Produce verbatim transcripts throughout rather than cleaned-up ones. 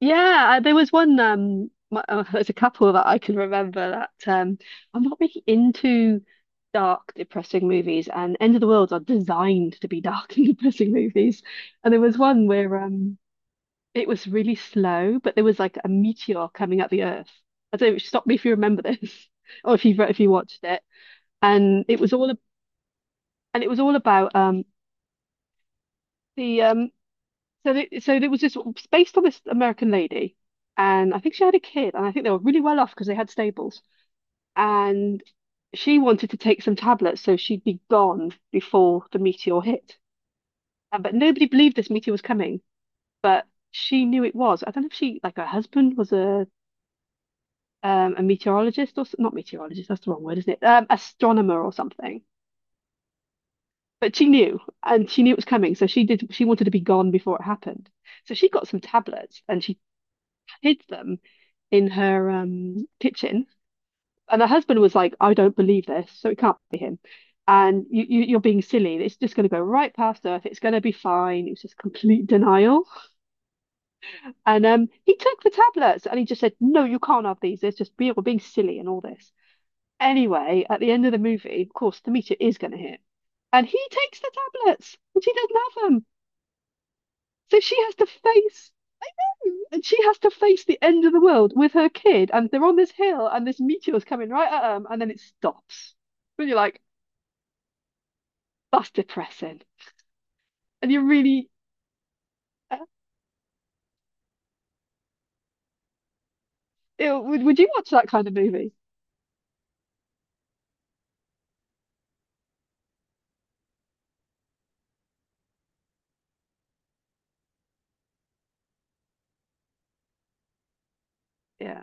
Yeah, uh, there was one. Um, my, uh, there's a couple that I can remember that um, I'm not really into dark, depressing movies, and End of the Worlds are designed to be dark and depressing movies. And there was one where um, it was really slow, but there was like a meteor coming at the Earth. I don't know, stop me if you remember this, or if you if you watched it. And it was all a- and it was all about um, the um, So they, so there was this it's based on this American lady, and I think she had a kid, and I think they were really well off because they had stables. And she wanted to take some tablets so she'd be gone before the meteor hit. And, but nobody believed this meteor was coming, but she knew it was. I don't know if she like her husband was a um, a meteorologist or not meteorologist. That's the wrong word, isn't it? Um, astronomer or something. But she knew, and she knew it was coming, so she did. She wanted to be gone before it happened. So she got some tablets, and she hid them in her um kitchen. And her husband was like, "I don't believe this, so it can't be him. And you, you you're being silly. It's just going to go right past Earth. It's going to be fine." It was just complete denial. And um, he took the tablets and he just said, "No, you can't have these. It's just be, we're being silly and all this." Anyway, at the end of the movie, of course, the meteor is going to hit, and he takes the tablets, and she doesn't have them. So she has to face And she has to face the end of the world with her kid, and they're on this hill, and this meteor's coming right at them, and then it stops. And you're like, that's depressing. And you're really, uh, ew, would, would you watch that kind of movie? Yeah,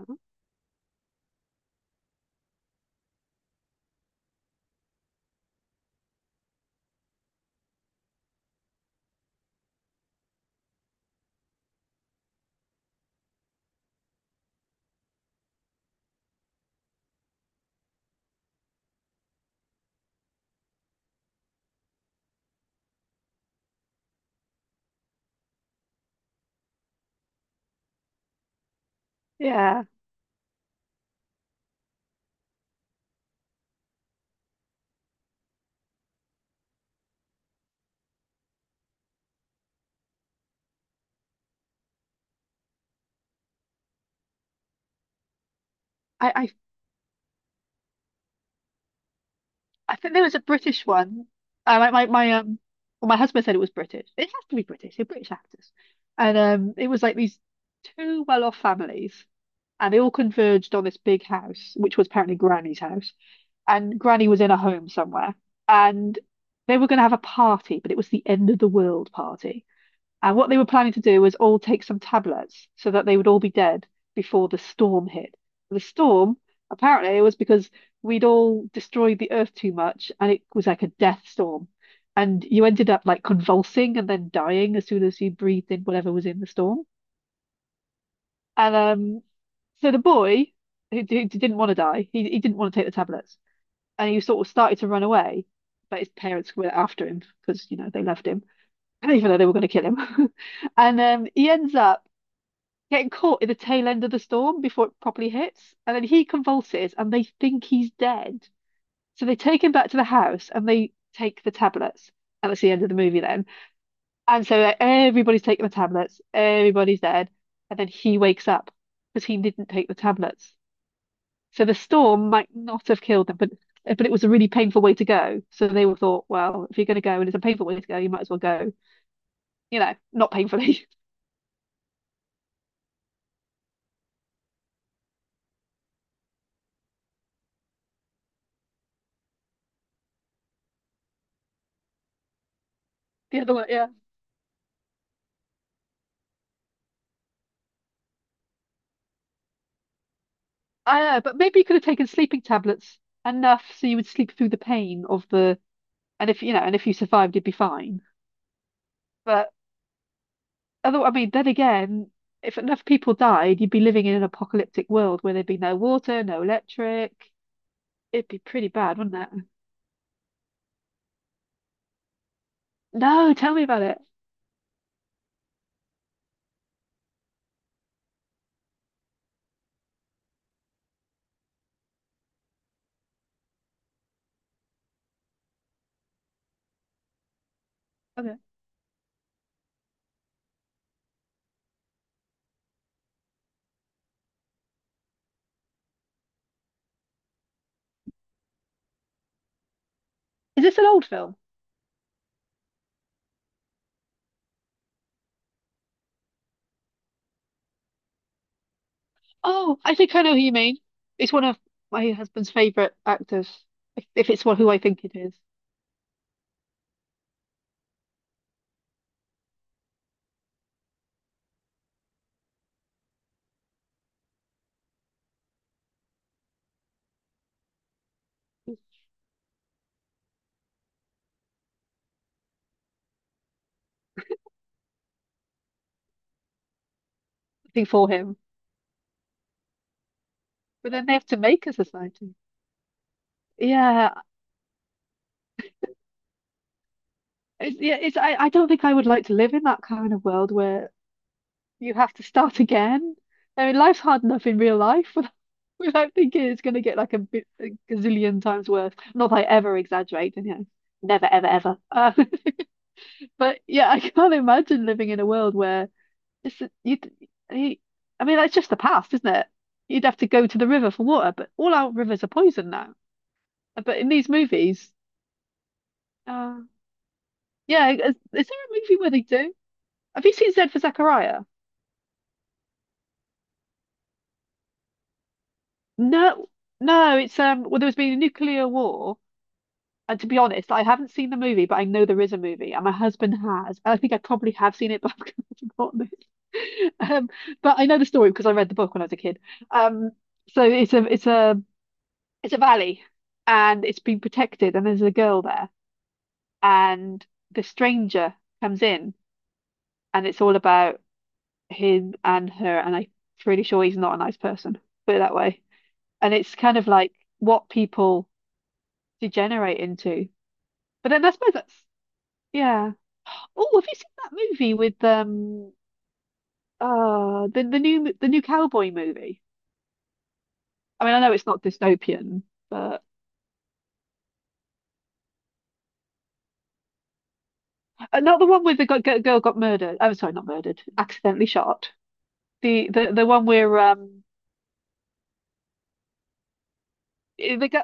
yeah. I, I, I think there was a British one. Uh, my, my, my, um, well, my husband said it was British. It has to be British. They're British actors, and um, it was like these two well-off families, and they all converged on this big house, which was apparently Granny's house. And Granny was in a home somewhere, and they were going to have a party, but it was the end of the world party. And what they were planning to do was all take some tablets so that they would all be dead before the storm hit. The storm, apparently, it was because we'd all destroyed the earth too much, and it was like a death storm. And you ended up like convulsing and then dying as soon as you breathed in whatever was in the storm. And um, so the boy who, who didn't want to die, he, he didn't want to take the tablets and he sort of started to run away, but his parents were after him because you know they loved him, even though they were going to kill him. And um, he ends up getting caught in the tail end of the storm before it properly hits, and then he convulses, and they think he's dead. So they take him back to the house, and they take the tablets, and that's the end of the movie then. And so uh, everybody's taking the tablets, everybody's dead, and then he wakes up because he didn't take the tablets. So the storm might not have killed them, but but it was a really painful way to go. So they were thought, well, if you're going to go and it's a painful way to go, you might as well go, you know, not painfully. The other way, yeah. I know, but maybe you could have taken sleeping tablets enough so you would sleep through the pain of the, and if you know, and if you survived, you'd be fine. But other, I mean, then again, if enough people died, you'd be living in an apocalyptic world where there'd be no water, no electric. It'd be pretty bad, wouldn't it? No, tell me about it. Okay. Is this an old film? Oh, I think I know who you mean. It's one of my husband's favorite actors, if, if it's one who I think it is. There's nothing for him. But then they have to make a society. Yeah, it's, yeah. It's I, I don't think I would like to live in that kind of world where you have to start again. I mean, life's hard enough in real life without, without thinking it's going to get like a, bi- a gazillion times worse. Not that I ever exaggerate, and you know, never, ever, ever. Uh, but yeah, I can't imagine living in a world where It's you, you. I mean, that's just the past, isn't it? You'd have to go to the river for water, but all our rivers are poisoned now. But in these movies, uh, yeah, is, is there a movie where they do? Have you seen Zed for Zachariah? No, no. It's um. Well, there was been a nuclear war, and to be honest, I haven't seen the movie, but I know there is a movie, and my husband has. And I think I probably have seen it, but I've forgotten it. Um, but I know the story because I read the book when I was a kid. Um, so it's a it's a it's a valley and it's been protected and there's a girl there and the stranger comes in and it's all about him and her and I'm pretty sure he's not a nice person, put it that way. And it's kind of like what people degenerate into. But then I suppose that's yeah. Oh, have you seen that movie with um uh the the new the new cowboy movie? I mean, I know it's not dystopian, but uh, not the one with the g- g- girl got murdered. Oh, sorry, not murdered, accidentally shot. The the the one where um eh, the guy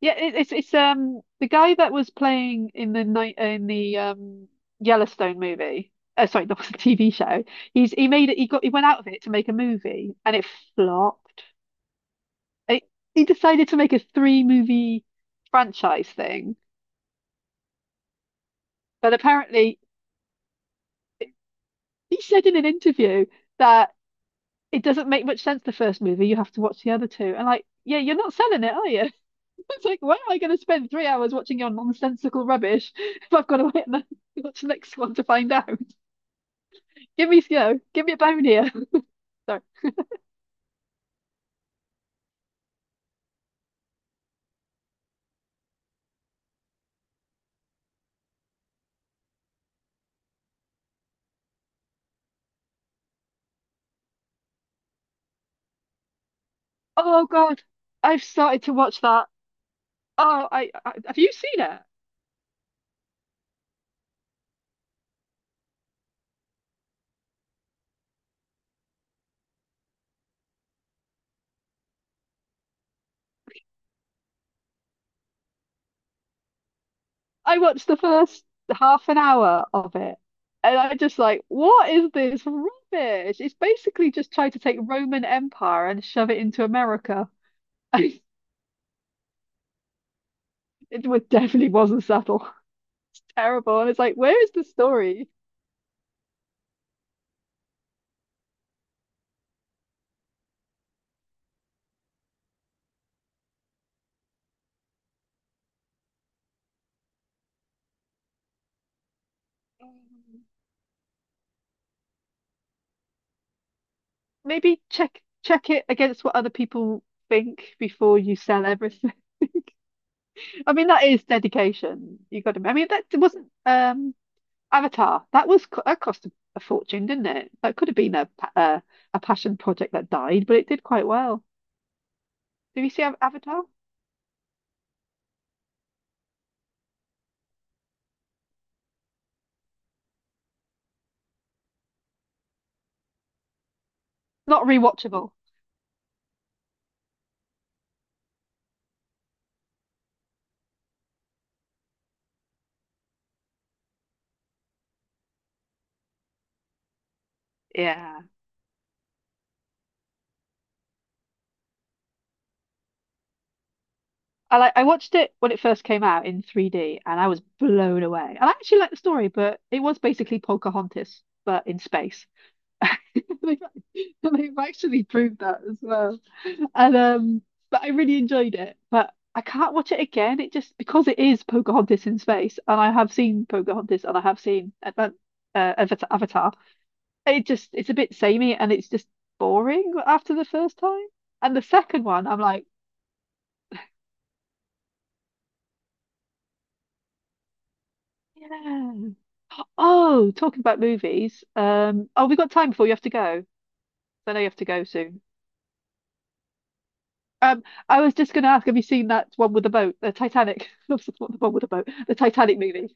yeah it, it's it's um the guy that was playing in the night in the um Yellowstone movie. Uh, sorry, not the T V show. He's he made it. He got he went out of it to make a movie, and it flopped. It, he decided to make a three movie franchise thing, but apparently he said in an interview that it doesn't make much sense. The first movie, you have to watch the other two, and like yeah, you're not selling it, are you? It's like, why am I going to spend three hours watching your nonsensical rubbish if I've got to wait and watch the next one to find out? Give me, you know, give me a bone here. Sorry. Oh God, I've started to watch that. Oh, I, I have you seen it? I watched the first half an hour of it, and I'm just like, what is this rubbish? It's basically just trying to take Roman Empire and shove it into America. It definitely wasn't subtle. Terrible. And it's like, where is the story? Maybe check check it against what other people think before you sell everything. I mean, that is dedication. You got to. I mean, that wasn't um Avatar. That was co- that cost a, a fortune, didn't it? That could have been a pa- uh, a passion project that died, but it did quite well. Did you see Av- Avatar? Not rewatchable. Yeah. I like I watched it when it first came out in three D and I was blown away. And I actually liked the story, but it was basically Pocahontas, but in space. They've they've actually proved that as well. And um, but I really enjoyed it. But I can't watch it again. It just because it is Pocahontas in space, and I have seen Pocahontas, and I have seen Advan- uh, uh, Avatar. Avatar. It just it's a bit samey, and it's just boring after the first time. And the second one, I'm like, yeah. Oh, talking about movies. Um, oh, we got time before you have to go. I know you have to go soon. Um, I was just going to ask, have you seen that one with the boat, the Titanic? Not the one with the boat, the Titanic movie.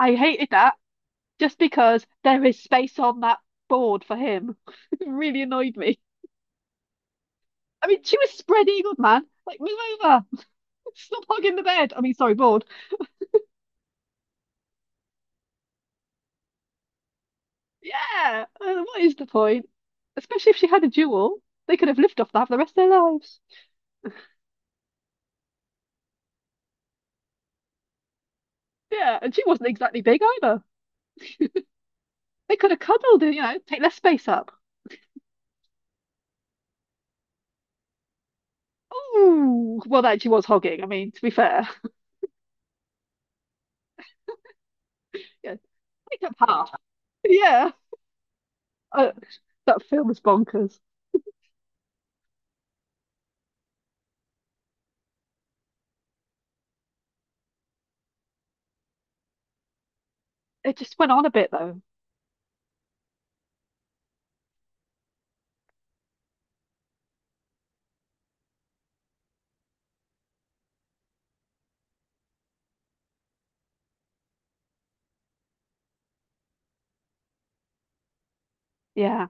I hated that. Just because there is space on that board for him. It really annoyed me. I mean, she was spread eagled, man. Like, move over. Stop hogging the bed. I mean, sorry, board. Yeah. Uh, what is the point? Especially if she had a jewel, they could have lived off that for the rest of their lives. Yeah, and she wasn't exactly big either. They could have cuddled and, you know, take less space up. Ooh, well, that she was hogging. I mean, to be fair, yeah, take up half. Yeah, uh, that film is bonkers. It just went on a bit though. Yeah,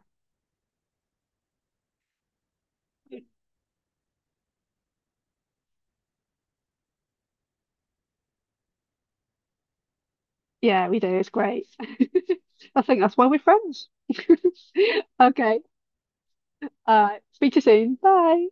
yeah, we do. It's great. I think that's why we're friends. Okay. Uh, speak to you soon. Bye.